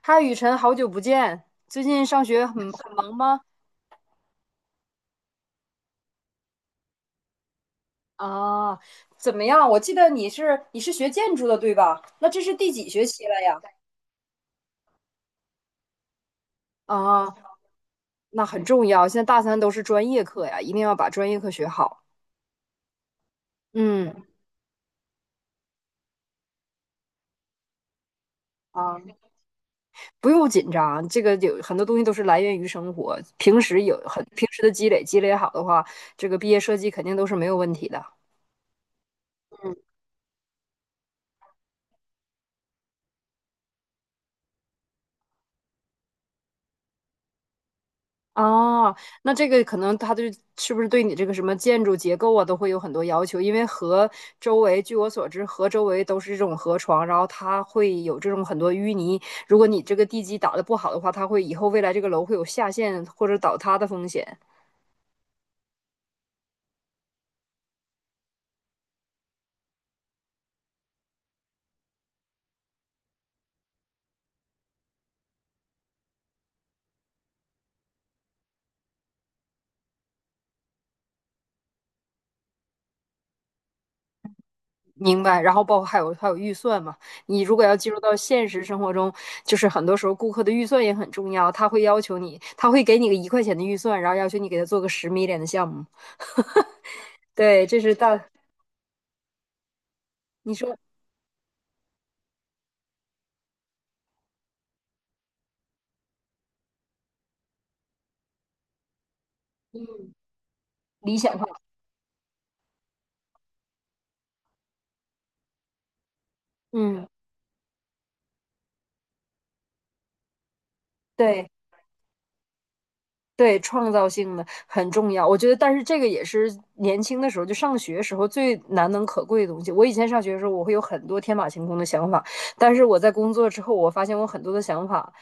嗨，雨辰，好久不见，最近上学很忙吗？啊，怎么样？我记得你是学建筑的，对吧？那这是第几学期了呀？啊，那很重要，现在大三都是专业课呀，一定要把专业课学好。嗯，啊，不用紧张，这个有很多东西都是来源于生活，平时的积累，积累好的话，这个毕业设计肯定都是没有问题的。嗯。哦，那这个可能是不是对你这个什么建筑结构啊都会有很多要求，因为河周围，据我所知，河周围都是这种河床，然后它会有这种很多淤泥。如果你这个地基打得不好的话，以后未来这个楼会有下陷或者倒塌的风险。明白。然后包括还有预算嘛，你如果要进入到现实生活中，就是很多时候顾客的预算也很重要，他会要求你，他会给你个一块钱的预算，然后要求你给他做个十米脸的项目。对，这是大，你说理想化。嗯，对对，创造性的很重要。我觉得，但是这个也是年轻的时候，就上学时候最难能可贵的东西。我以前上学的时候，我会有很多天马行空的想法，但是我在工作之后，我发现我很多的想法，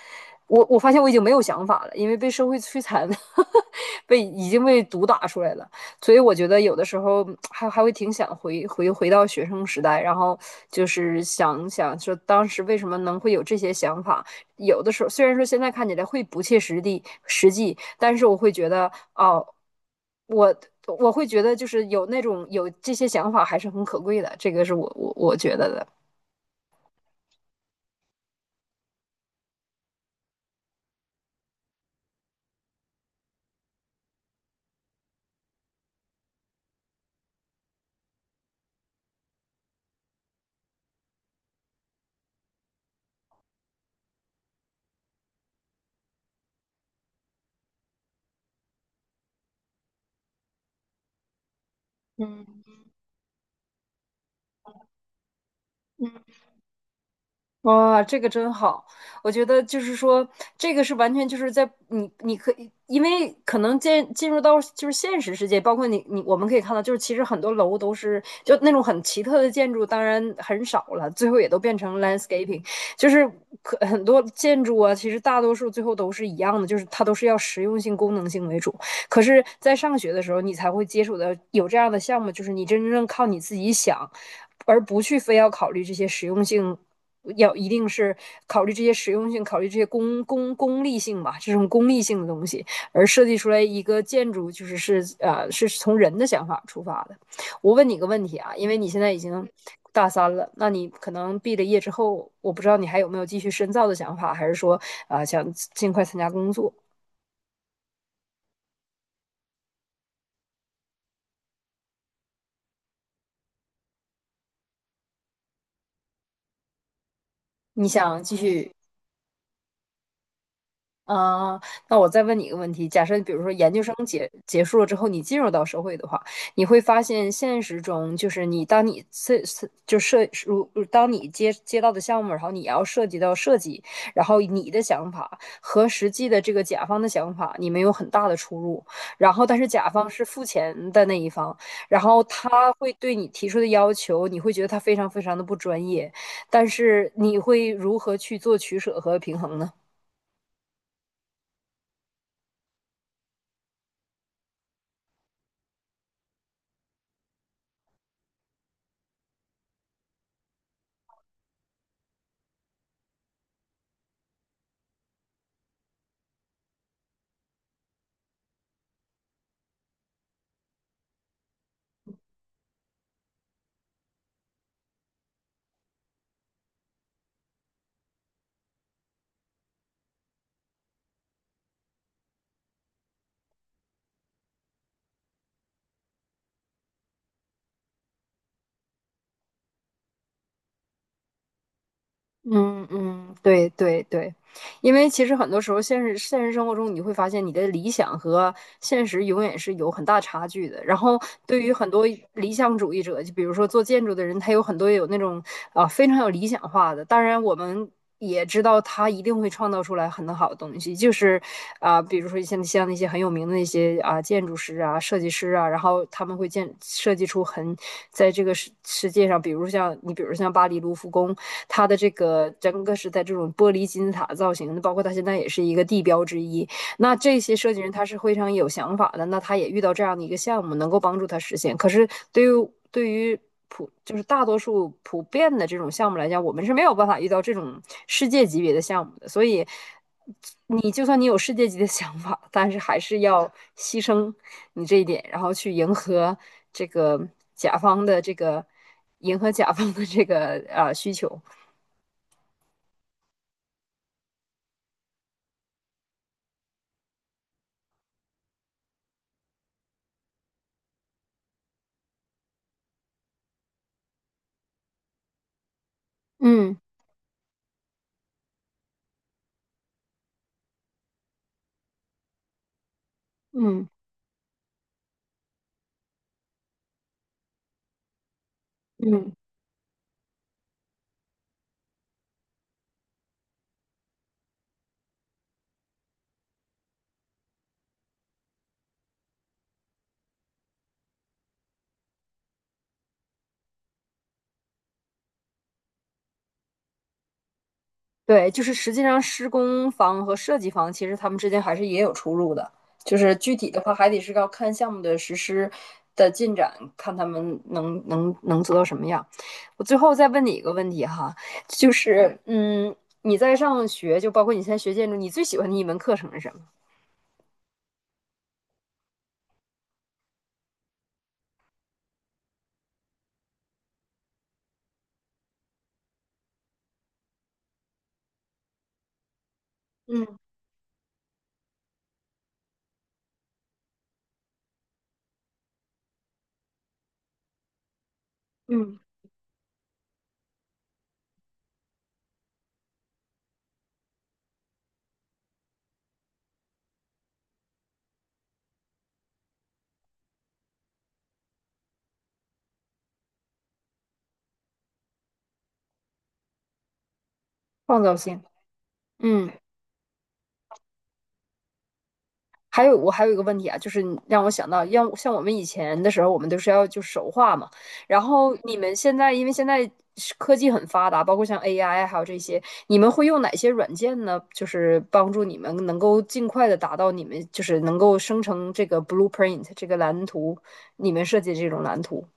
我发现我已经没有想法了，因为被社会摧残，被已经被毒打出来了。所以我觉得有的时候还会挺想回到学生时代，然后就是想想说当时为什么能会有这些想法。有的时候虽然说现在看起来会不切实际，但是我会觉得哦，我我会觉得就是有那种有这些想法还是很可贵的，这个是我觉得的。嗯嗯，哇，这个真好！我觉得就是说，这个是完全就是在你，你可以，因为可能进入到就是现实世界，包括我们可以看到，就是其实很多楼都是就那种很奇特的建筑，当然很少了，最后也都变成 landscaping,就是可很多建筑啊，其实大多数最后都是一样的，就是它都是要实用性、功能性为主。可是，在上学的时候，你才会接触到有这样的项目，就是你真正靠你自己想，而不去非要考虑这些实用性，要一定是考虑这些实用性，考虑这些功利性吧，这种功利性的东西，而设计出来一个建筑，就是从人的想法出发的。我问你个问题啊，因为你现在已经大三了，那你可能毕了业之后，我不知道你还有没有继续深造的想法，还是说啊想尽快参加工作，你想继续啊，那我再问你一个问题：假设比如说研究生结束了之后，你进入到社会的话，你会发现现实中就是你当你设就设如当你接到的项目，然后你要涉及到设计，然后你的想法和实际的这个甲方的想法，你们有很大的出入。然后，但是甲方是付钱的那一方，然后他会对你提出的要求，你会觉得他非常非常的不专业，但是你会如何去做取舍和平衡呢？嗯嗯，对对对，因为其实很多时候现实生活中，你会发现你的理想和现实永远是有很大差距的。然后对于很多理想主义者，就比如说做建筑的人，他有很多有那种啊非常有理想化的。当然，我们也知道他一定会创造出来很好的东西，就是啊，比如说像那些很有名的那些啊建筑师啊、设计师啊，然后他们会设计出很在这个世界上，比如像你，比如像巴黎卢浮宫。它的这个整个是在这种玻璃金字塔造型的，包括它现在也是一个地标之一。那这些设计人他是非常有想法的，那他也遇到这样的一个项目，能够帮助他实现。可是对于就是大多数普遍的这种项目来讲，我们是没有办法遇到这种世界级别的项目的，所以。你就算你有世界级的想法，但是还是要牺牲你这一点，然后去迎合这个甲方的这个甲方的这个啊需求。嗯嗯嗯，对，就是实际上施工方和设计方其实他们之间还是也有出入的，就是具体的话还得是要看项目的实施的进展，看他们能做到什么样。我最后再问你一个问题哈，就是，你在上学，就包括你现在学建筑，你最喜欢的一门课程是什么？嗯嗯。创造性。嗯。还有我还有一个问题啊，就是你让我想到，要像我们以前的时候，我们都是要就手画嘛。然后你们现在，因为现在是科技很发达，包括像 AI 还有这些，你们会用哪些软件呢？就是帮助你们能够尽快的达到你们就是能够生成这个 blueprint 这个蓝图，你们设计这种蓝图。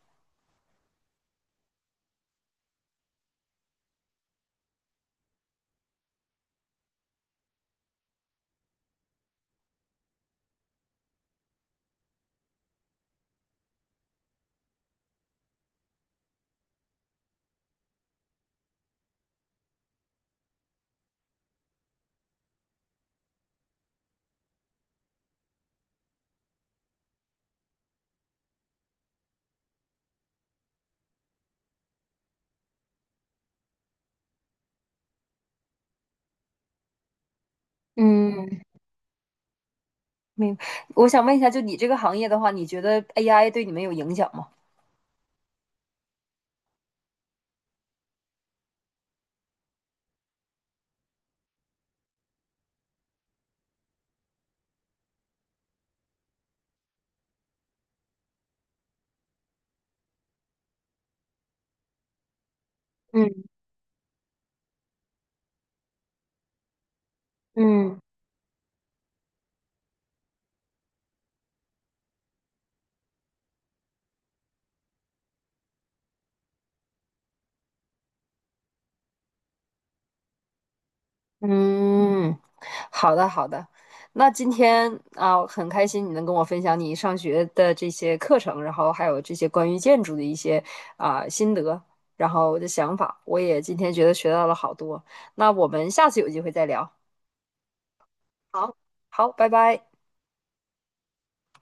嗯，明白。我想问一下，就你这个行业的话，你觉得 AI 对你们有影响吗？嗯嗯。嗯，好的好的，那今天啊，很开心你能跟我分享你上学的这些课程，然后还有这些关于建筑的一些啊心得，然后我的想法，我也今天觉得学到了好多。那我们下次有机会再聊。好，好，拜拜。